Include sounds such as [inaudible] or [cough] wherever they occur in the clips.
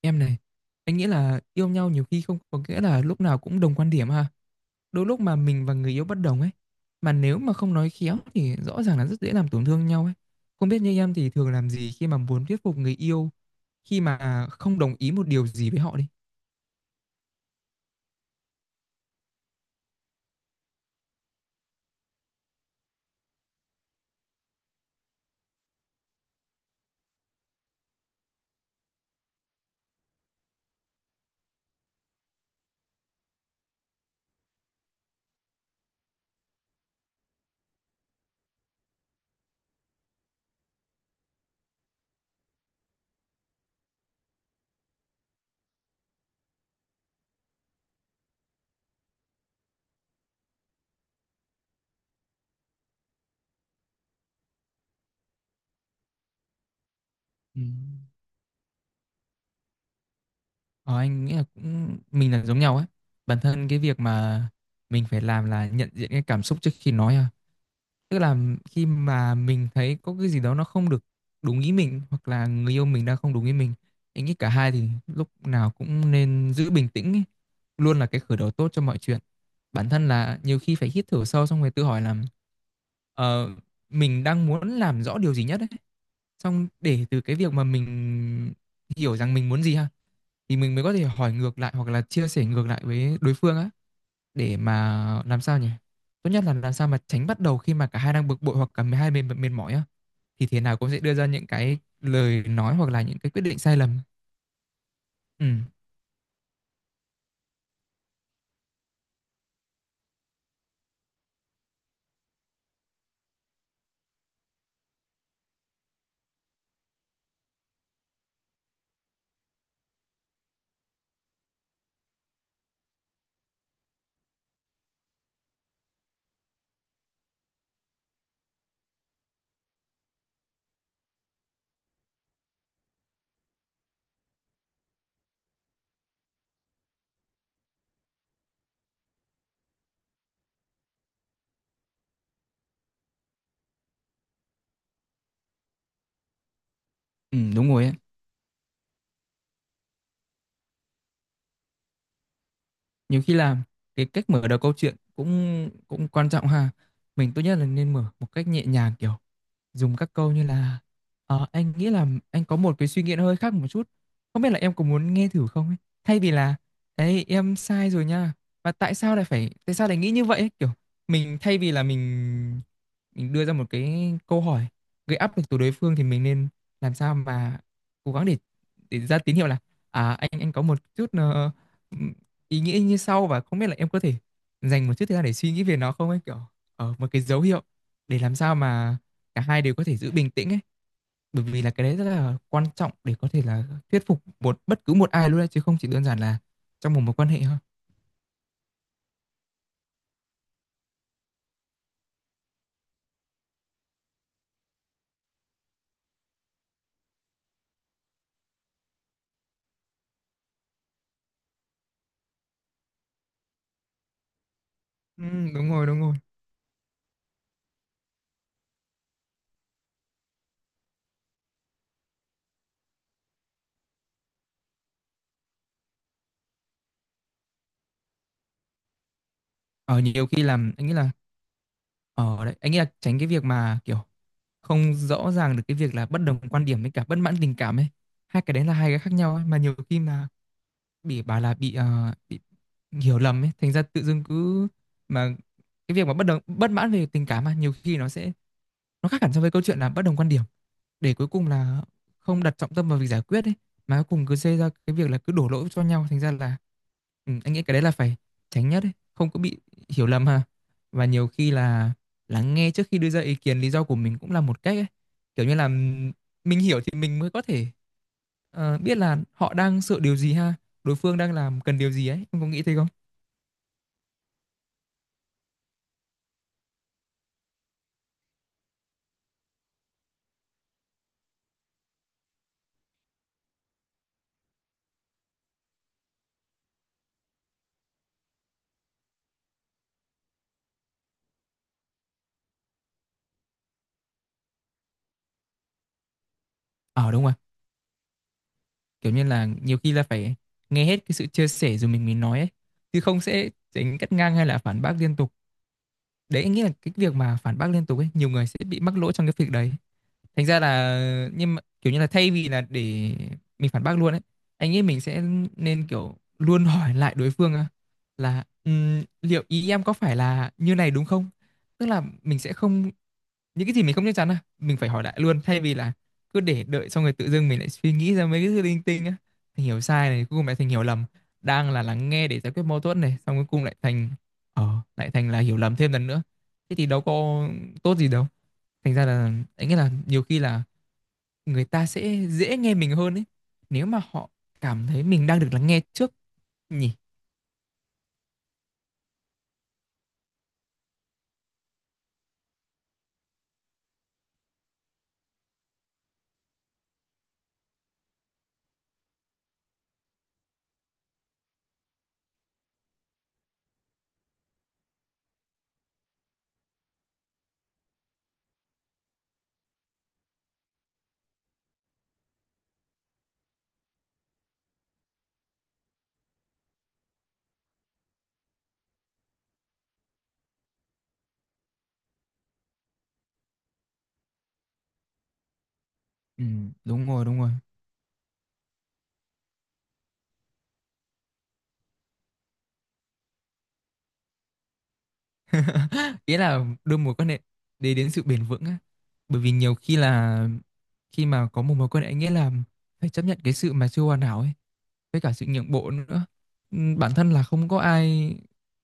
Em này, anh nghĩ là yêu nhau nhiều khi không có nghĩa là lúc nào cũng đồng quan điểm ha. Đôi lúc mà mình và người yêu bất đồng ấy, mà nếu mà không nói khéo thì rõ ràng là rất dễ làm tổn thương nhau ấy. Không biết như em thì thường làm gì khi mà muốn thuyết phục người yêu khi mà không đồng ý một điều gì với họ đi. Ừ. Ờ, anh nghĩ là cũng mình là giống nhau ấy. Bản thân cái việc mà mình phải làm là nhận diện cái cảm xúc trước khi nói à. Tức là khi mà mình thấy có cái gì đó nó không được đúng ý mình hoặc là người yêu mình đang không đúng ý mình, anh nghĩ cả hai thì lúc nào cũng nên giữ bình tĩnh ý. Luôn là cái khởi đầu tốt cho mọi chuyện, bản thân là nhiều khi phải hít thở sâu xong rồi tự hỏi là ờ, mình đang muốn làm rõ điều gì nhất ấy, xong để từ cái việc mà mình hiểu rằng mình muốn gì ha, thì mình mới có thể hỏi ngược lại hoặc là chia sẻ ngược lại với đối phương á, để mà làm sao nhỉ? Tốt nhất là làm sao mà tránh bắt đầu khi mà cả hai đang bực bội hoặc cả hai bên mệt mỏi á, thì thế nào cũng sẽ đưa ra những cái lời nói hoặc là những cái quyết định sai lầm. Ừ, ừ đúng rồi ấy. Nhiều khi là cái cách mở đầu câu chuyện cũng cũng quan trọng ha. Mình tốt nhất là nên mở một cách nhẹ nhàng kiểu dùng các câu như là "Ờ, anh nghĩ là anh có một cái suy nghĩ nó hơi khác một chút, không biết là em có muốn nghe thử không ấy", thay vì là "ấy em sai rồi nha và tại sao lại phải tại sao lại nghĩ như vậy ấy?". Kiểu mình thay vì là mình đưa ra một cái câu hỏi gây áp lực từ đối phương thì mình nên làm sao mà cố gắng để ra tín hiệu là à anh có một chút ừm, ý nghĩa như sau và không biết là em có thể dành một chút thời gian để suy nghĩ về nó không ấy, kiểu ở một cái dấu hiệu để làm sao mà cả hai đều có thể giữ bình tĩnh ấy, bởi vì là cái đấy rất là quan trọng để có thể là thuyết phục một bất cứ một ai luôn đấy chứ không chỉ đơn giản là trong một mối quan hệ thôi. Ừ, đúng rồi đúng rồi. Ở nhiều khi làm anh nghĩ là ở đấy anh nghĩ là tránh cái việc mà kiểu không rõ ràng được cái việc là bất đồng quan điểm với cả bất mãn tình cảm ấy, hai cái đấy là hai cái khác nhau ấy. Mà nhiều khi mà bị bảo là bị hiểu lầm ấy, thành ra tự dưng cứ mà cái việc mà bất đồng bất mãn về tình cảm mà nhiều khi nó sẽ nó khác hẳn so với câu chuyện là bất đồng quan điểm, để cuối cùng là không đặt trọng tâm vào việc giải quyết ấy, mà cuối cùng cứ xây ra cái việc là cứ đổ lỗi cho nhau, thành ra là ừ, anh nghĩ cái đấy là phải tránh nhất ấy, không có bị hiểu lầm ha. Và nhiều khi là lắng nghe trước khi đưa ra ý kiến lý do của mình cũng là một cách ấy, kiểu như là mình hiểu thì mình mới có thể biết là họ đang sợ điều gì ha, đối phương đang làm cần điều gì ấy, em có nghĩ thế không? Ờ đúng rồi. Kiểu như là nhiều khi là phải nghe hết cái sự chia sẻ rồi mình mới nói ấy, chứ không sẽ tránh cắt ngang hay là phản bác liên tục. Đấy, anh nghĩ là cái việc mà phản bác liên tục ấy, nhiều người sẽ bị mắc lỗi trong cái việc đấy. Thành ra là nhưng mà kiểu như là thay vì là để mình phản bác luôn ấy, anh nghĩ mình sẽ nên kiểu luôn hỏi lại đối phương á, là liệu ý em có phải là như này đúng không?". Tức là mình sẽ không, những cái gì mình không chắc chắn à mình phải hỏi lại luôn, thay vì là cứ để đợi xong rồi tự dưng mình lại suy nghĩ ra mấy cái thứ linh tinh á, thành hiểu sai này cuối cùng lại thành hiểu lầm, đang là lắng nghe để giải quyết mâu thuẫn này xong cuối cùng lại thành lại thành là hiểu lầm thêm lần nữa, thế thì đâu có tốt gì đâu. Thành ra là anh nghĩ là nhiều khi là người ta sẽ dễ nghe mình hơn ấy, nếu mà họ cảm thấy mình đang được lắng nghe trước nhỉ. Ừ, đúng rồi, đúng rồi. [laughs] Ý là đưa mối quan hệ để đến sự bền vững á, bởi vì nhiều khi là khi mà có một mối quan hệ nghĩa là phải chấp nhận cái sự mà chưa hoàn hảo ấy, với cả sự nhượng bộ nữa. Bản thân là không có ai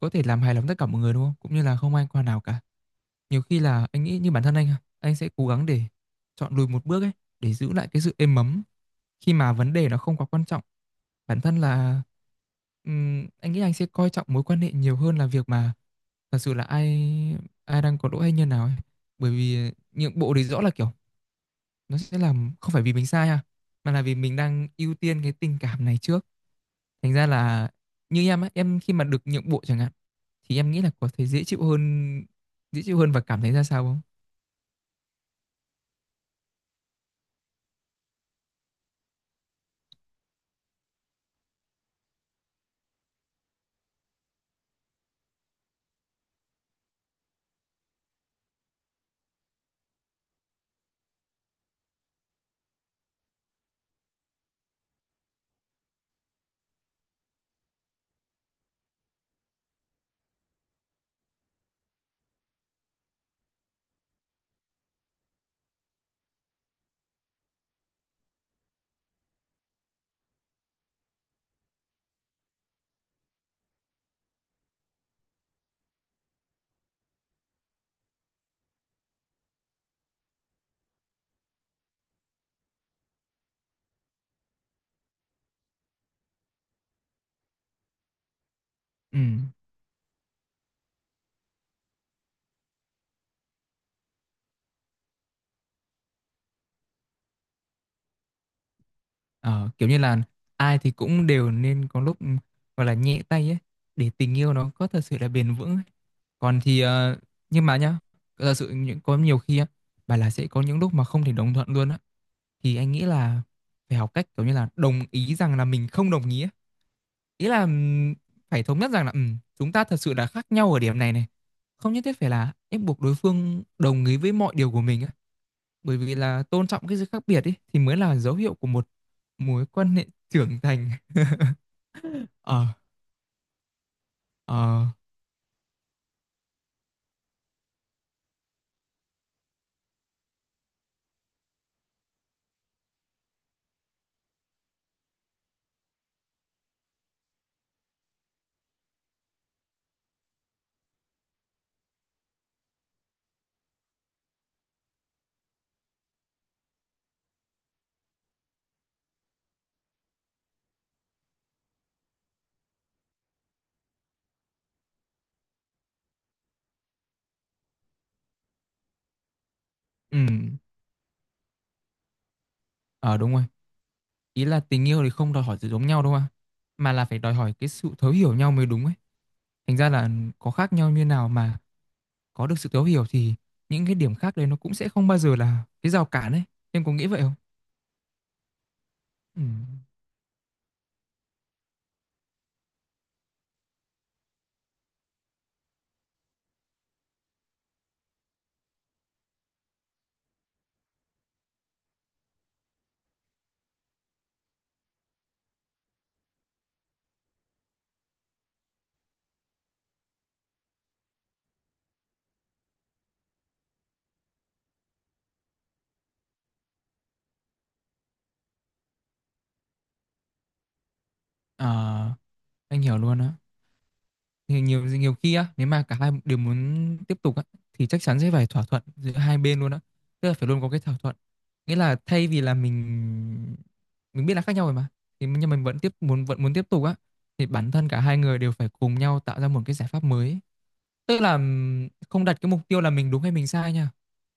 có thể làm hài lòng tất cả mọi người đúng không, cũng như là không ai hoàn hảo cả. Nhiều khi là anh nghĩ như bản thân anh à, anh sẽ cố gắng để chọn lùi một bước ấy, để giữ lại cái sự êm ấm khi mà vấn đề nó không quá quan trọng. Bản thân là anh nghĩ anh sẽ coi trọng mối quan hệ nhiều hơn là việc mà thật sự là ai ai đang có lỗi hay như nào ấy, bởi vì nhượng bộ thì rõ là kiểu nó sẽ làm không phải vì mình sai ha, mà là vì mình đang ưu tiên cái tình cảm này trước. Thành ra là như em á, em khi mà được nhượng bộ chẳng hạn thì em nghĩ là có thể dễ chịu hơn, dễ chịu hơn và cảm thấy ra sao không? Ừ. Ờ, kiểu như là ai thì cũng đều nên có lúc ừ, gọi là nhẹ tay ấy để tình yêu nó có thật sự là bền vững ấy. Còn thì ờ, nhưng mà nhá, thật sự những có nhiều khi á, bà là sẽ có những lúc mà không thể đồng thuận luôn á, thì anh nghĩ là phải học cách kiểu như là đồng ý rằng là mình không đồng ý ấy. Ý là phải thống nhất rằng là chúng ta thật sự là khác nhau ở điểm này này, không nhất thiết phải là ép buộc đối phương đồng ý với mọi điều của mình á, bởi vì là tôn trọng cái sự khác biệt ấy thì mới là dấu hiệu của một mối quan hệ trưởng thành. [laughs] Ờ ờ ừ ờ đúng rồi. Ý là tình yêu thì không đòi hỏi sự giống nhau đâu mà là phải đòi hỏi cái sự thấu hiểu nhau mới đúng ấy. Thành ra là có khác nhau như nào mà có được sự thấu hiểu thì những cái điểm khác đấy nó cũng sẽ không bao giờ là cái rào cản ấy, em có nghĩ vậy không? Ừ. ờ anh hiểu luôn á. Thì nhiều nhiều khi á nếu mà cả hai đều muốn tiếp tục á thì chắc chắn sẽ phải thỏa thuận giữa hai bên luôn á, tức là phải luôn có cái thỏa thuận, nghĩa là thay vì là mình biết là khác nhau rồi mà thì nhưng mình vẫn tiếp muốn vẫn muốn tiếp tục á thì bản thân cả hai người đều phải cùng nhau tạo ra một cái giải pháp mới ấy. Tức là không đặt cái mục tiêu là mình đúng hay mình sai nha,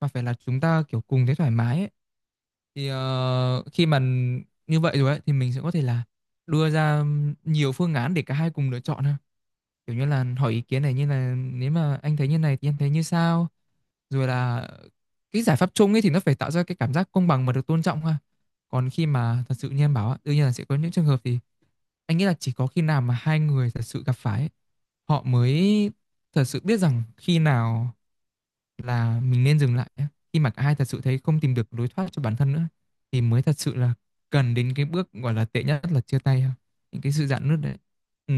mà phải là chúng ta kiểu cùng thấy thoải mái ấy. Thì ờ, khi mà như vậy rồi ấy, thì mình sẽ có thể là đưa ra nhiều phương án để cả hai cùng lựa chọn ha, kiểu như là hỏi ý kiến này như là nếu mà anh thấy như này thì em thấy như sao, rồi là cái giải pháp chung ấy thì nó phải tạo ra cái cảm giác công bằng mà được tôn trọng ha. Còn khi mà thật sự như em bảo á, đương nhiên là sẽ có những trường hợp thì anh nghĩ là chỉ có khi nào mà hai người thật sự gặp phải ấy, họ mới thật sự biết rằng khi nào là mình nên dừng lại á, khi mà cả hai thật sự thấy không tìm được lối thoát cho bản thân nữa thì mới thật sự là cần đến cái bước gọi là tệ nhất là chia tay ha, những cái sự rạn nứt đấy. Ừ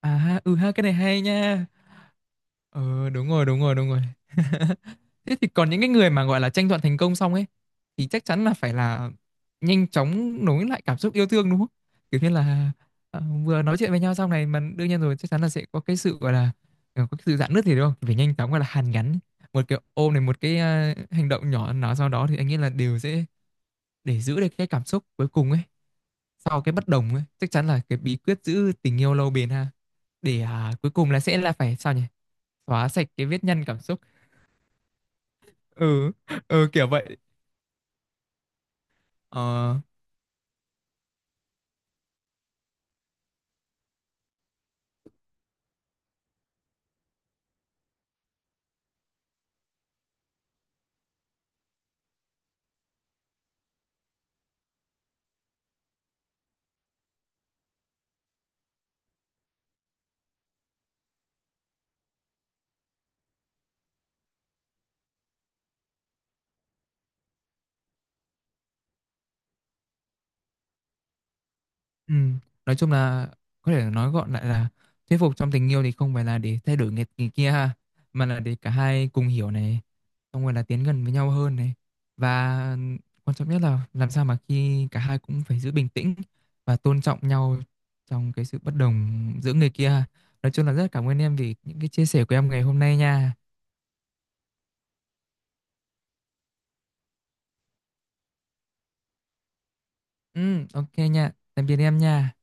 à ha ừ ha, cái này hay nha. Ờ đúng rồi, đúng rồi, đúng rồi. [laughs] Thế thì còn những cái người mà gọi là tranh thuận thành công xong ấy thì chắc chắn là phải là nhanh chóng nối lại cảm xúc yêu thương đúng không? Kiểu như là ờ, vừa nói chuyện với nhau xong này mà đương nhiên rồi chắc chắn là sẽ có cái sự gọi là có cái sự rạn nứt thì đúng không? Phải nhanh chóng gọi là hàn gắn, một cái ôm này một cái hành động nhỏ nào sau đó thì anh nghĩ là đều sẽ để giữ được cái cảm xúc cuối cùng ấy sau cái bất đồng ấy, chắc chắn là cái bí quyết giữ tình yêu lâu bền ha, để à, cuối cùng là sẽ là phải sao nhỉ? Xóa sạch cái vết nhăn cảm xúc. Ừ ừ kiểu vậy. Ờ ừ. Nói chung là có thể nói gọn lại là thuyết phục trong tình yêu thì không phải là để thay đổi người kia ha, mà là để cả hai cùng hiểu này, xong rồi là tiến gần với nhau hơn này, và quan trọng nhất là làm sao mà khi cả hai cũng phải giữ bình tĩnh và tôn trọng nhau trong cái sự bất đồng giữa người kia ha. Nói chung là rất cảm ơn em vì những cái chia sẻ của em ngày hôm nay nha. Ừ ok nha, tạm biệt em nha.